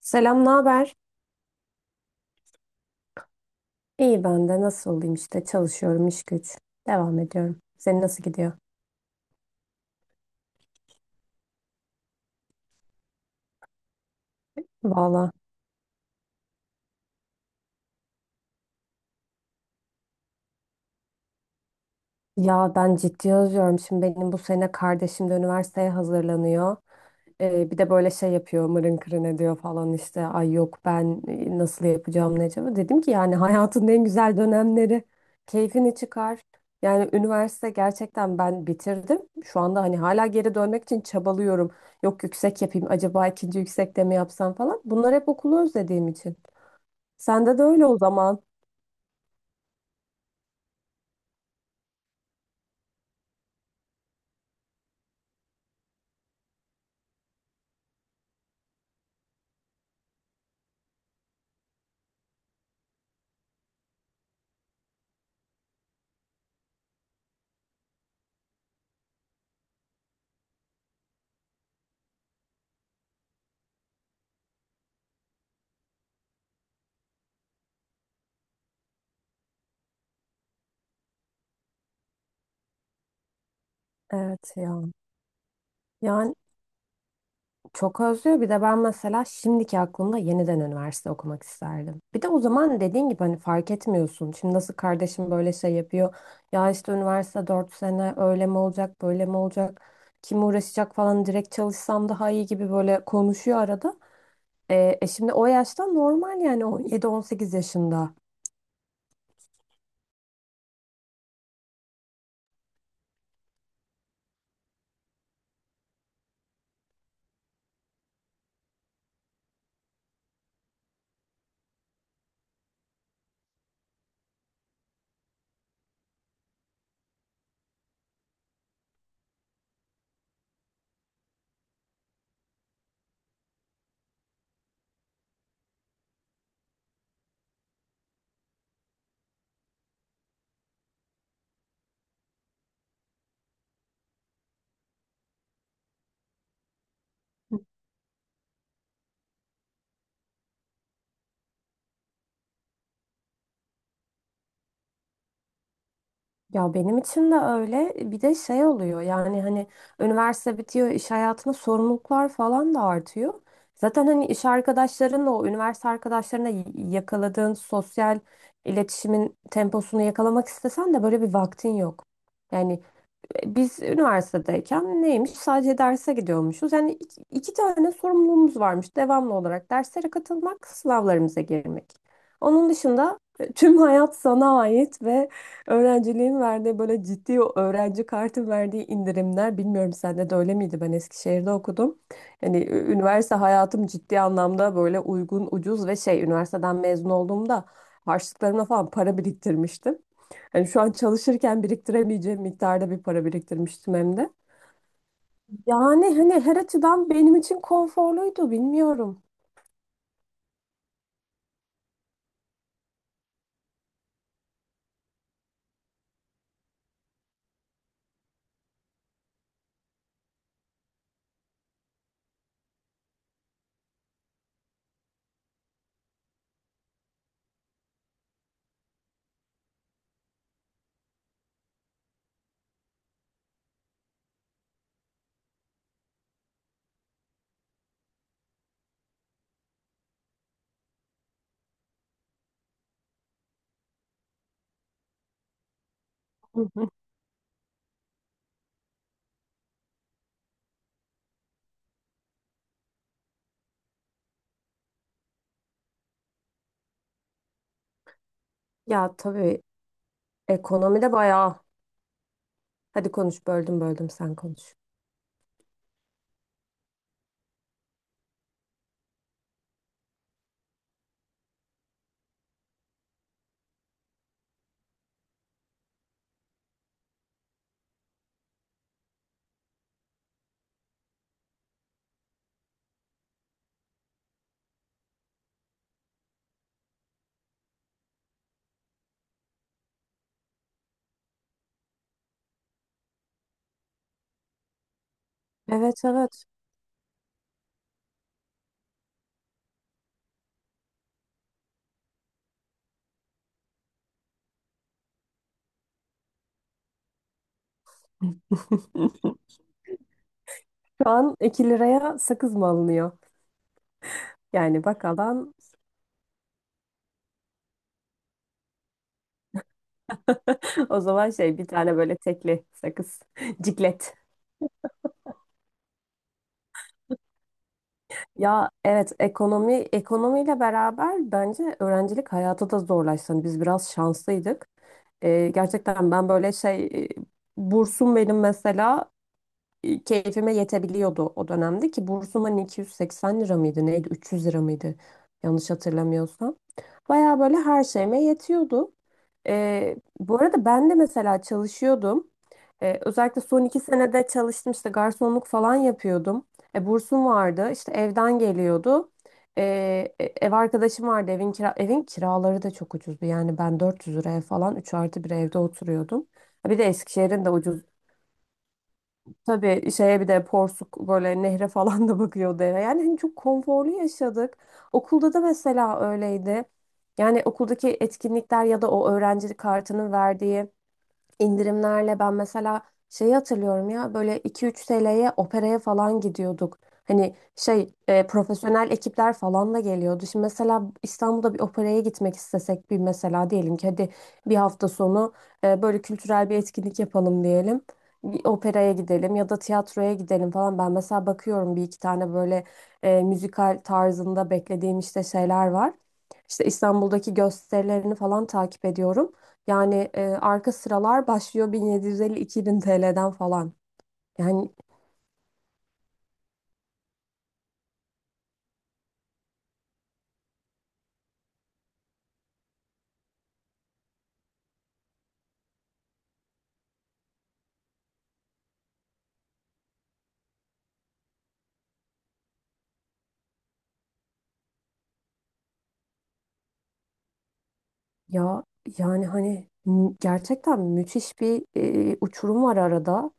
Selam, ne haber? İyi ben de nasıl olayım işte çalışıyorum, iş güç devam ediyorum. Senin nasıl gidiyor? Valla ya ben ciddi özlüyorum. Şimdi benim bu sene kardeşim de üniversiteye hazırlanıyor. Bir de böyle şey yapıyor, mırın kırın ediyor falan işte. Ay yok ben, nasıl yapacağım ne acaba? Dedim ki yani hayatın en güzel dönemleri, keyfini çıkar. Yani üniversite, gerçekten ben bitirdim. Şu anda hani hala geri dönmek için çabalıyorum. Yok, yüksek yapayım acaba, ikinci yüksekte mi yapsam falan. Bunlar hep okulu özlediğim için. Sende de öyle o zaman. Evet ya. Yani çok özlüyor. Bir de ben mesela şimdiki aklımda yeniden üniversite okumak isterdim. Bir de o zaman dediğin gibi hani fark etmiyorsun. Şimdi nasıl kardeşim böyle şey yapıyor. Ya işte üniversite 4 sene öyle mi olacak böyle mi olacak. Kim uğraşacak falan, direkt çalışsam daha iyi gibi böyle konuşuyor arada. Şimdi o yaşta normal, yani 17-18 yaşında. Ya benim için de öyle. Bir de şey oluyor, yani hani üniversite bitiyor, iş hayatına sorumluluklar falan da artıyor. Zaten hani iş arkadaşlarınla o üniversite arkadaşlarına yakaladığın sosyal iletişimin temposunu yakalamak istesen de böyle bir vaktin yok. Yani biz üniversitedeyken neymiş? Sadece derse gidiyormuşuz. Yani iki tane sorumluluğumuz varmış devamlı olarak. Derslere katılmak, sınavlarımıza girmek. Onun dışında tüm hayat sana ait ve öğrenciliğin verdiği böyle ciddi, o öğrenci kartı verdiği indirimler. Bilmiyorum sende de öyle miydi? Ben Eskişehir'de okudum. Yani üniversite hayatım ciddi anlamda böyle uygun, ucuz ve şey, üniversiteden mezun olduğumda harçlıklarımla falan para biriktirmiştim. Yani şu an çalışırken biriktiremeyeceğim miktarda bir para biriktirmiştim hem de. Yani hani her açıdan benim için konforluydu, bilmiyorum. Hı hı. Ya tabii, ekonomide bayağı. Hadi konuş, böldüm böldüm, sen konuş. Evet evet. Şu an 2 liraya sakız mı alınıyor? Yani bak alan o zaman şey, bir tane böyle tekli sakız. Ciklet. Ya evet, ekonomi ekonomiyle beraber bence öğrencilik hayatı da zorlaştı. Hani biz biraz şanslıydık. Gerçekten ben böyle şey, bursum benim mesela, keyfime yetebiliyordu o dönemde. Ki bursum hani 280 lira mıydı neydi, 300 lira mıydı, yanlış hatırlamıyorsam. Baya böyle her şeyime yetiyordu. Bu arada ben de mesela çalışıyordum. Özellikle son 2 senede çalıştım, işte garsonluk falan yapıyordum. Bursum vardı, işte evden geliyordu. Ee, Ev arkadaşım vardı, evin kiraları da çok ucuzdu. Yani ben 400 liraya falan 3 artı bir evde oturuyordum. Ha, bir de Eskişehir'in de ucuz. Tabii şeye, bir de Porsuk böyle nehre falan da bakıyordu eve. Yani hani çok konforlu yaşadık. Okulda da mesela öyleydi. Yani okuldaki etkinlikler ya da o öğrenci kartının verdiği İndirimlerle ben mesela şeyi hatırlıyorum ya, böyle 2-3 TL'ye operaya falan gidiyorduk. Hani şey, profesyonel ekipler falan da geliyordu. Şimdi mesela İstanbul'da bir operaya gitmek istesek, bir mesela diyelim ki hadi bir hafta sonu, böyle kültürel bir etkinlik yapalım diyelim. Bir operaya gidelim ya da tiyatroya gidelim falan. Ben mesela bakıyorum, bir iki tane böyle müzikal tarzında beklediğim işte şeyler var. İşte İstanbul'daki gösterilerini falan takip ediyorum. Yani arka sıralar başlıyor 1750-2000 TL'den falan. Yani ya, yani hani gerçekten müthiş bir uçurum var arada.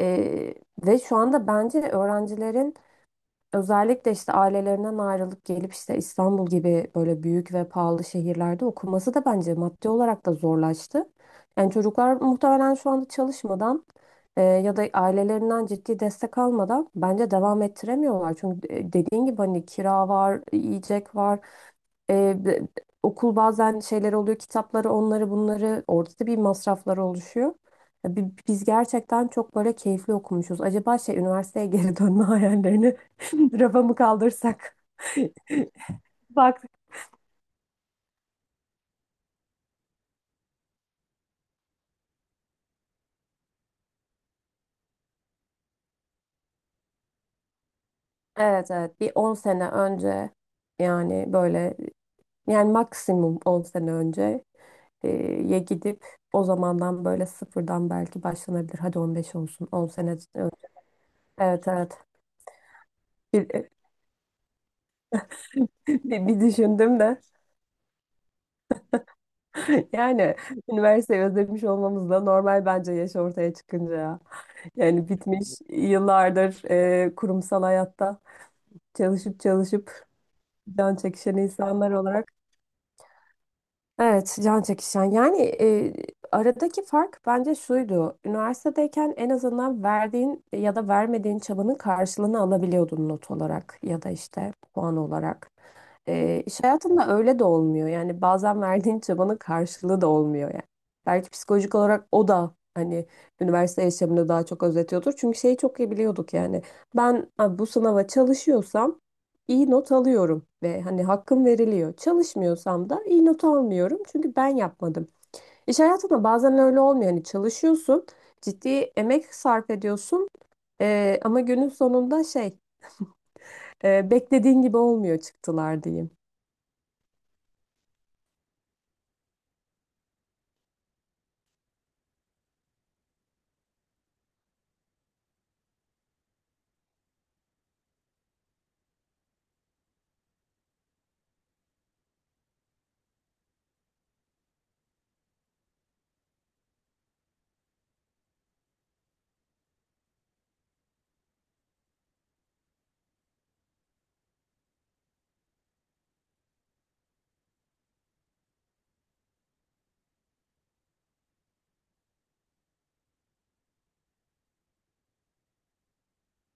E, Ve şu anda bence öğrencilerin, özellikle işte ailelerinden ayrılıp gelip işte İstanbul gibi böyle büyük ve pahalı şehirlerde okuması da bence maddi olarak da zorlaştı. Yani çocuklar muhtemelen şu anda çalışmadan, ya da ailelerinden ciddi destek almadan bence devam ettiremiyorlar. Çünkü dediğin gibi hani kira var, yiyecek var. Ee, b- Okul bazen şeyler oluyor, kitapları, onları, bunları. Orada da bir masrafları oluşuyor. Ya biz gerçekten çok böyle keyifli okumuşuz. Acaba şey, üniversiteye geri dönme hayallerini rafa mı kaldırsak? Bak. Evet evet, bir 10 sene önce, yani böyle, yani maksimum 10 sene önce, e, ye gidip o zamandan böyle sıfırdan belki başlanabilir. Hadi 15 olsun, 10 sene önce. Evet evet, bir, bir düşündüm de. Yani üniversiteyi özlemiş olmamız da normal bence, yaş ortaya çıkınca ya. Yani bitmiş, yıllardır kurumsal hayatta çalışıp çalışıp can çekişen insanlar olarak. Evet, can çekişen. Yani aradaki fark bence şuydu. Üniversitedeyken en azından verdiğin ya da vermediğin çabanın karşılığını alabiliyordun, not olarak ya da işte puan olarak. İş hayatında öyle de olmuyor. Yani bazen verdiğin çabanın karşılığı da olmuyor yani. Belki psikolojik olarak o da hani üniversite yaşamını daha çok özetiyordur. Çünkü şeyi çok iyi biliyorduk yani. Ben bu sınava çalışıyorsam iyi not alıyorum ve hani hakkım veriliyor. Çalışmıyorsam da iyi not almıyorum, çünkü ben yapmadım. İş hayatında bazen öyle olmuyor. Hani çalışıyorsun, ciddi emek sarf ediyorsun, ama günün sonunda şey, beklediğin gibi olmuyor çıktılar, diyeyim.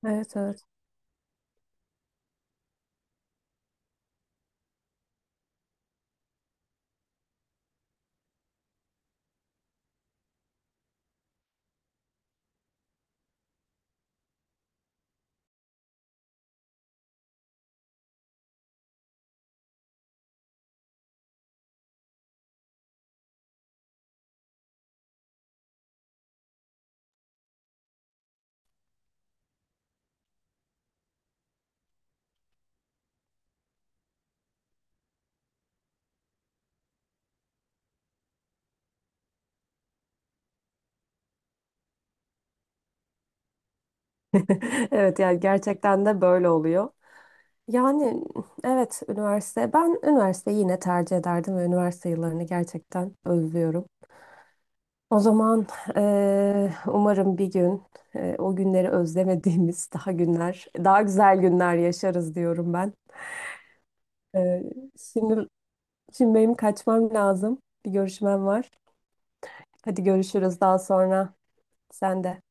Evet evet. Evet, yani gerçekten de böyle oluyor. Yani evet, üniversite, ben üniversiteyi yine tercih ederdim ve üniversite yıllarını gerçekten özlüyorum. O zaman, umarım bir gün, o günleri özlemediğimiz daha güzel günler yaşarız diyorum ben. Eee, şimdi şimdi benim kaçmam lazım. Bir görüşmem var. Hadi görüşürüz daha sonra. Sen de.